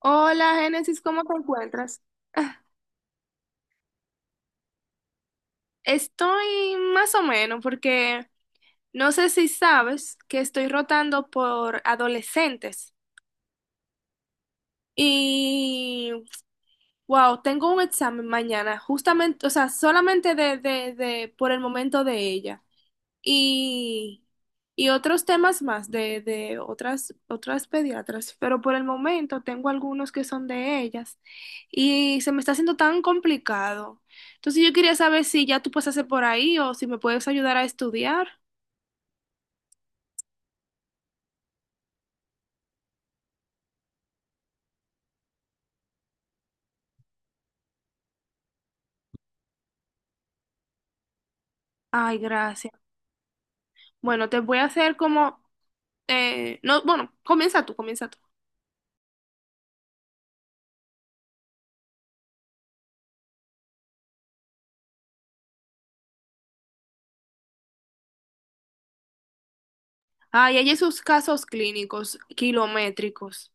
Hola, Génesis, ¿cómo te encuentras? Estoy más o menos porque no sé si sabes que estoy rotando por adolescentes y wow, tengo un examen mañana, justamente, o sea, solamente de por el momento de ella. Y y otros temas más de otras, otras pediatras, pero por el momento tengo algunos que son de ellas y se me está haciendo tan complicado. Entonces yo quería saber si ya tú pasaste por ahí o si me puedes ayudar a estudiar. Ay, gracias. Bueno, te voy a hacer como, no, bueno, comienza tú. Ay, hay esos casos clínicos kilométricos.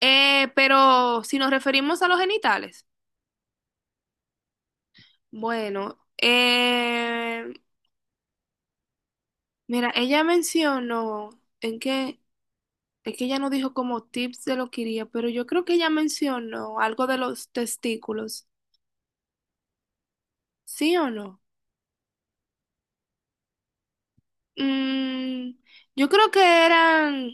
Pero si nos referimos a los genitales, bueno, mira, ella mencionó en que, es que ella no dijo como tips de lo que iría, pero yo creo que ella mencionó algo de los testículos, ¿sí o no? Mm, yo creo que eran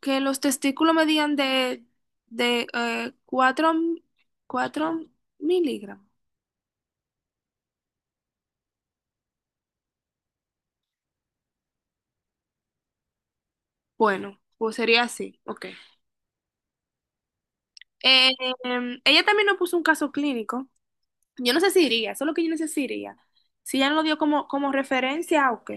que los testículos medían de 4 cuatro miligramos. Bueno, pues sería así, ok. Eh, Ella también nos puso un caso clínico. Yo no sé si iría, eso es lo que yo necesitaría. Si iría. Si ella no lo dio como, como referencia, ok.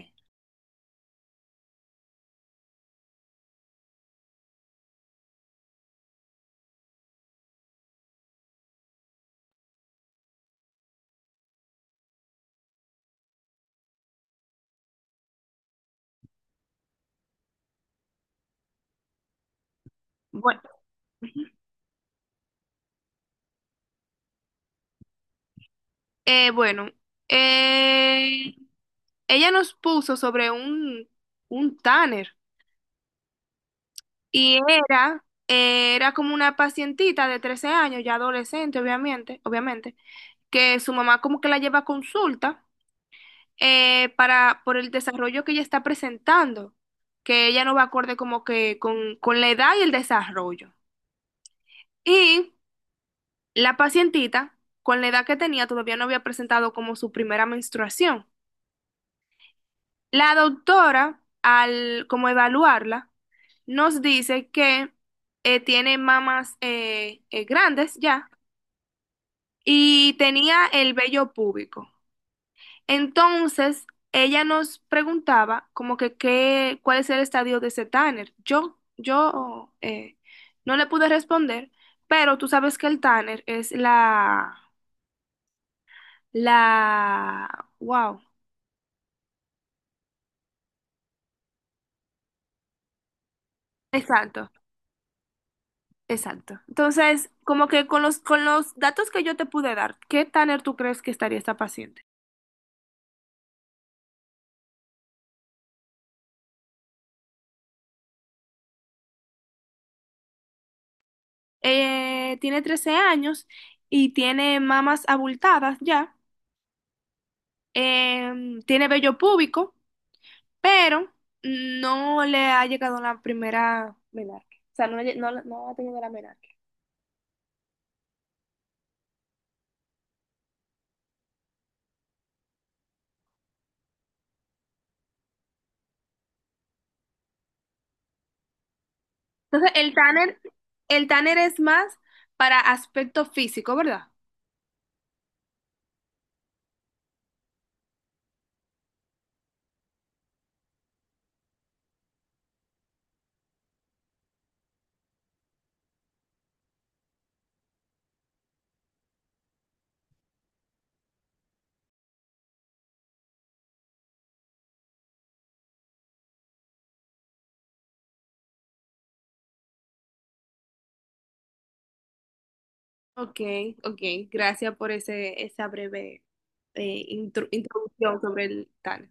Bueno. Eh, bueno, eh, Ella nos puso sobre un Tanner y era, era como una pacientita de 13 años, ya adolescente, obviamente, que su mamá como que la lleva a consulta por el desarrollo que ella está presentando, que ella no va acorde como que con la edad y el desarrollo. Y la pacientita, con la edad que tenía, todavía no había presentado como su primera menstruación. La doctora, al como evaluarla, nos dice que tiene mamas grandes ya y tenía el vello púbico. Entonces, ella nos preguntaba como que cuál es el estadio de ese Tanner. Yo no le pude responder, pero tú sabes que el Tanner es la, wow, exacto. Exacto. Entonces, como que con con los datos que yo te pude dar, ¿qué Tanner tú crees que estaría esta paciente? Tiene 13 años y tiene mamas abultadas ya, tiene vello púbico, pero no le ha llegado la primera menarquia. O sea, no, no ha tenido la menarquia. Entonces, el Tanner es más para aspecto físico, ¿verdad? Ok, ok, gracias por esa breve introducción sobre el tal.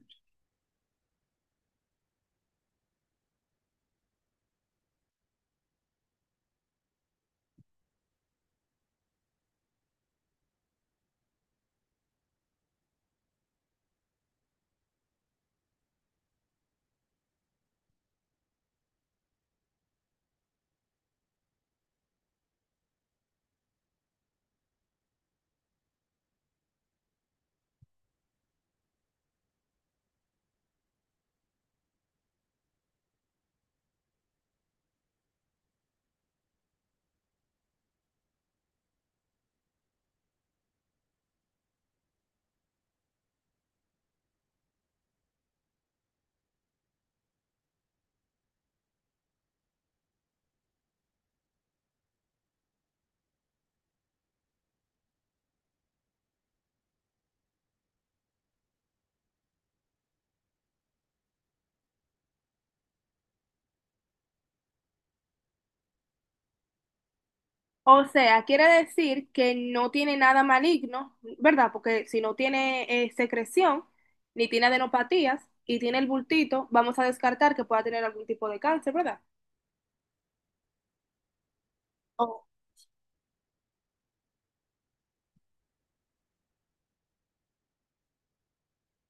O sea, quiere decir que no tiene nada maligno, ¿verdad? Porque si no tiene secreción, ni tiene adenopatías y tiene el bultito, vamos a descartar que pueda tener algún tipo de cáncer, ¿verdad?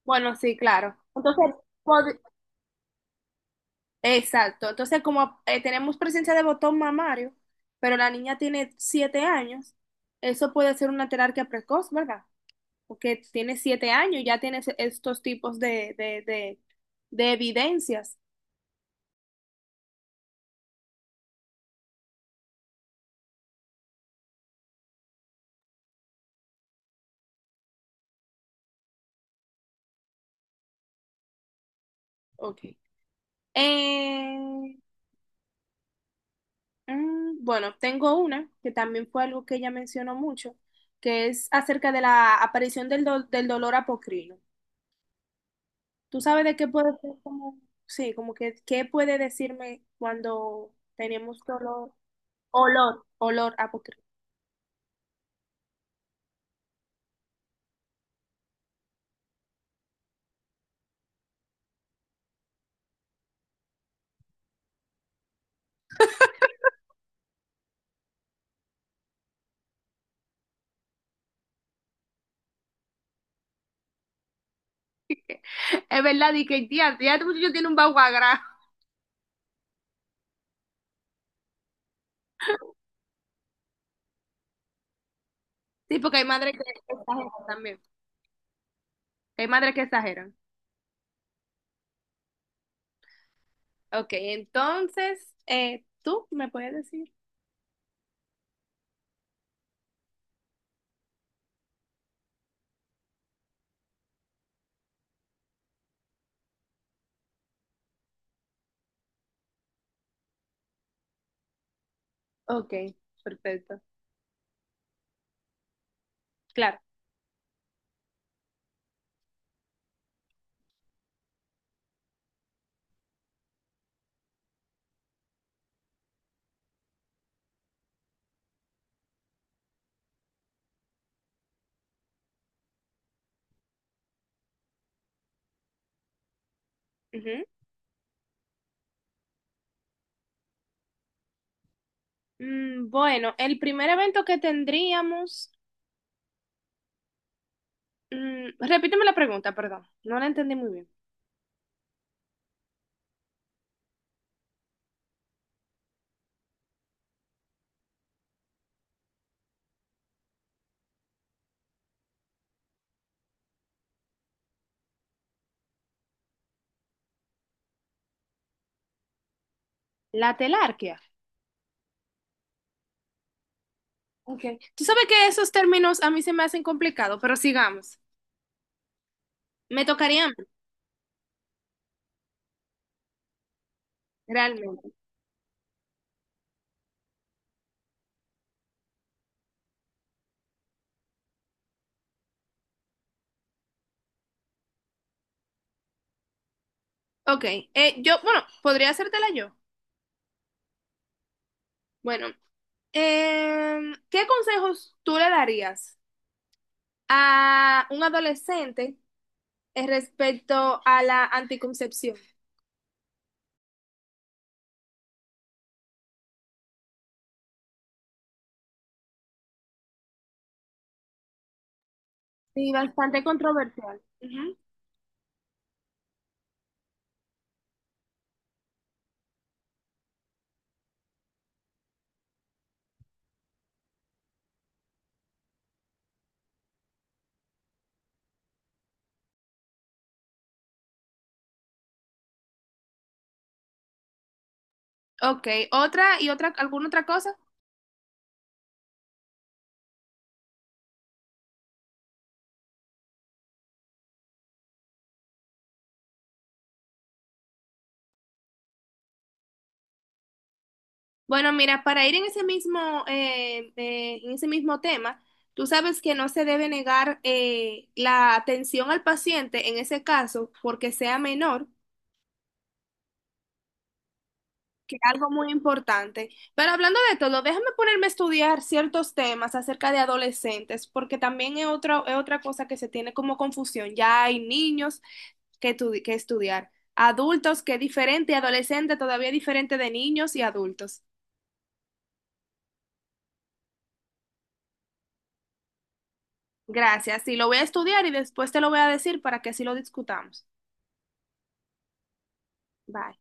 Bueno, sí, claro. Entonces, pod- exacto. Entonces, como tenemos presencia de botón mamario, pero la niña tiene 7 años, eso puede ser una terapia precoz, ¿verdad? Porque tiene 7 años y ya tiene estos tipos de evidencias. Ok. Eh, bueno, tengo una que también fue algo que ella mencionó mucho, que es acerca de la aparición del, del dolor apocrino. ¿Tú sabes de qué puede ser como, sí, como que, qué puede decirme cuando tenemos dolor, olor a poquito? Es verdad, y que tía, ya este muchacho tiene un baguagrá. Sí, porque hay madres que exageran también. Hay madres que exageran. Ok, entonces, ¿tú me puedes decir? Ok, perfecto. Claro. Ujú. Mm, bueno, el primer evento que tendríamos, mm, repíteme la pregunta, perdón, no la entendí muy bien. La telarquía. Okay. Tú sabes que esos términos a mí se me hacen complicados, pero sigamos. Me tocaría a mí, realmente. Ok, yo, bueno, podría hacértela yo. Bueno, ¿qué consejos tú le darías a un adolescente respecto a la anticoncepción? Sí, bastante controversial. Ujú. Ok, otra y otra, ¿alguna otra cosa? Bueno, mira, para ir en ese mismo tema, tú sabes que no se debe negar la atención al paciente en ese caso porque sea menor, que es algo muy importante. Pero hablando de todo, déjame ponerme a estudiar ciertos temas acerca de adolescentes, porque también es otro, es otra cosa que se tiene como confusión. Ya hay niños que estudiar, adultos que es diferente, y adolescente todavía diferente de niños y adultos. Gracias. Sí, lo voy a estudiar y después te lo voy a decir para que así lo discutamos. Bye.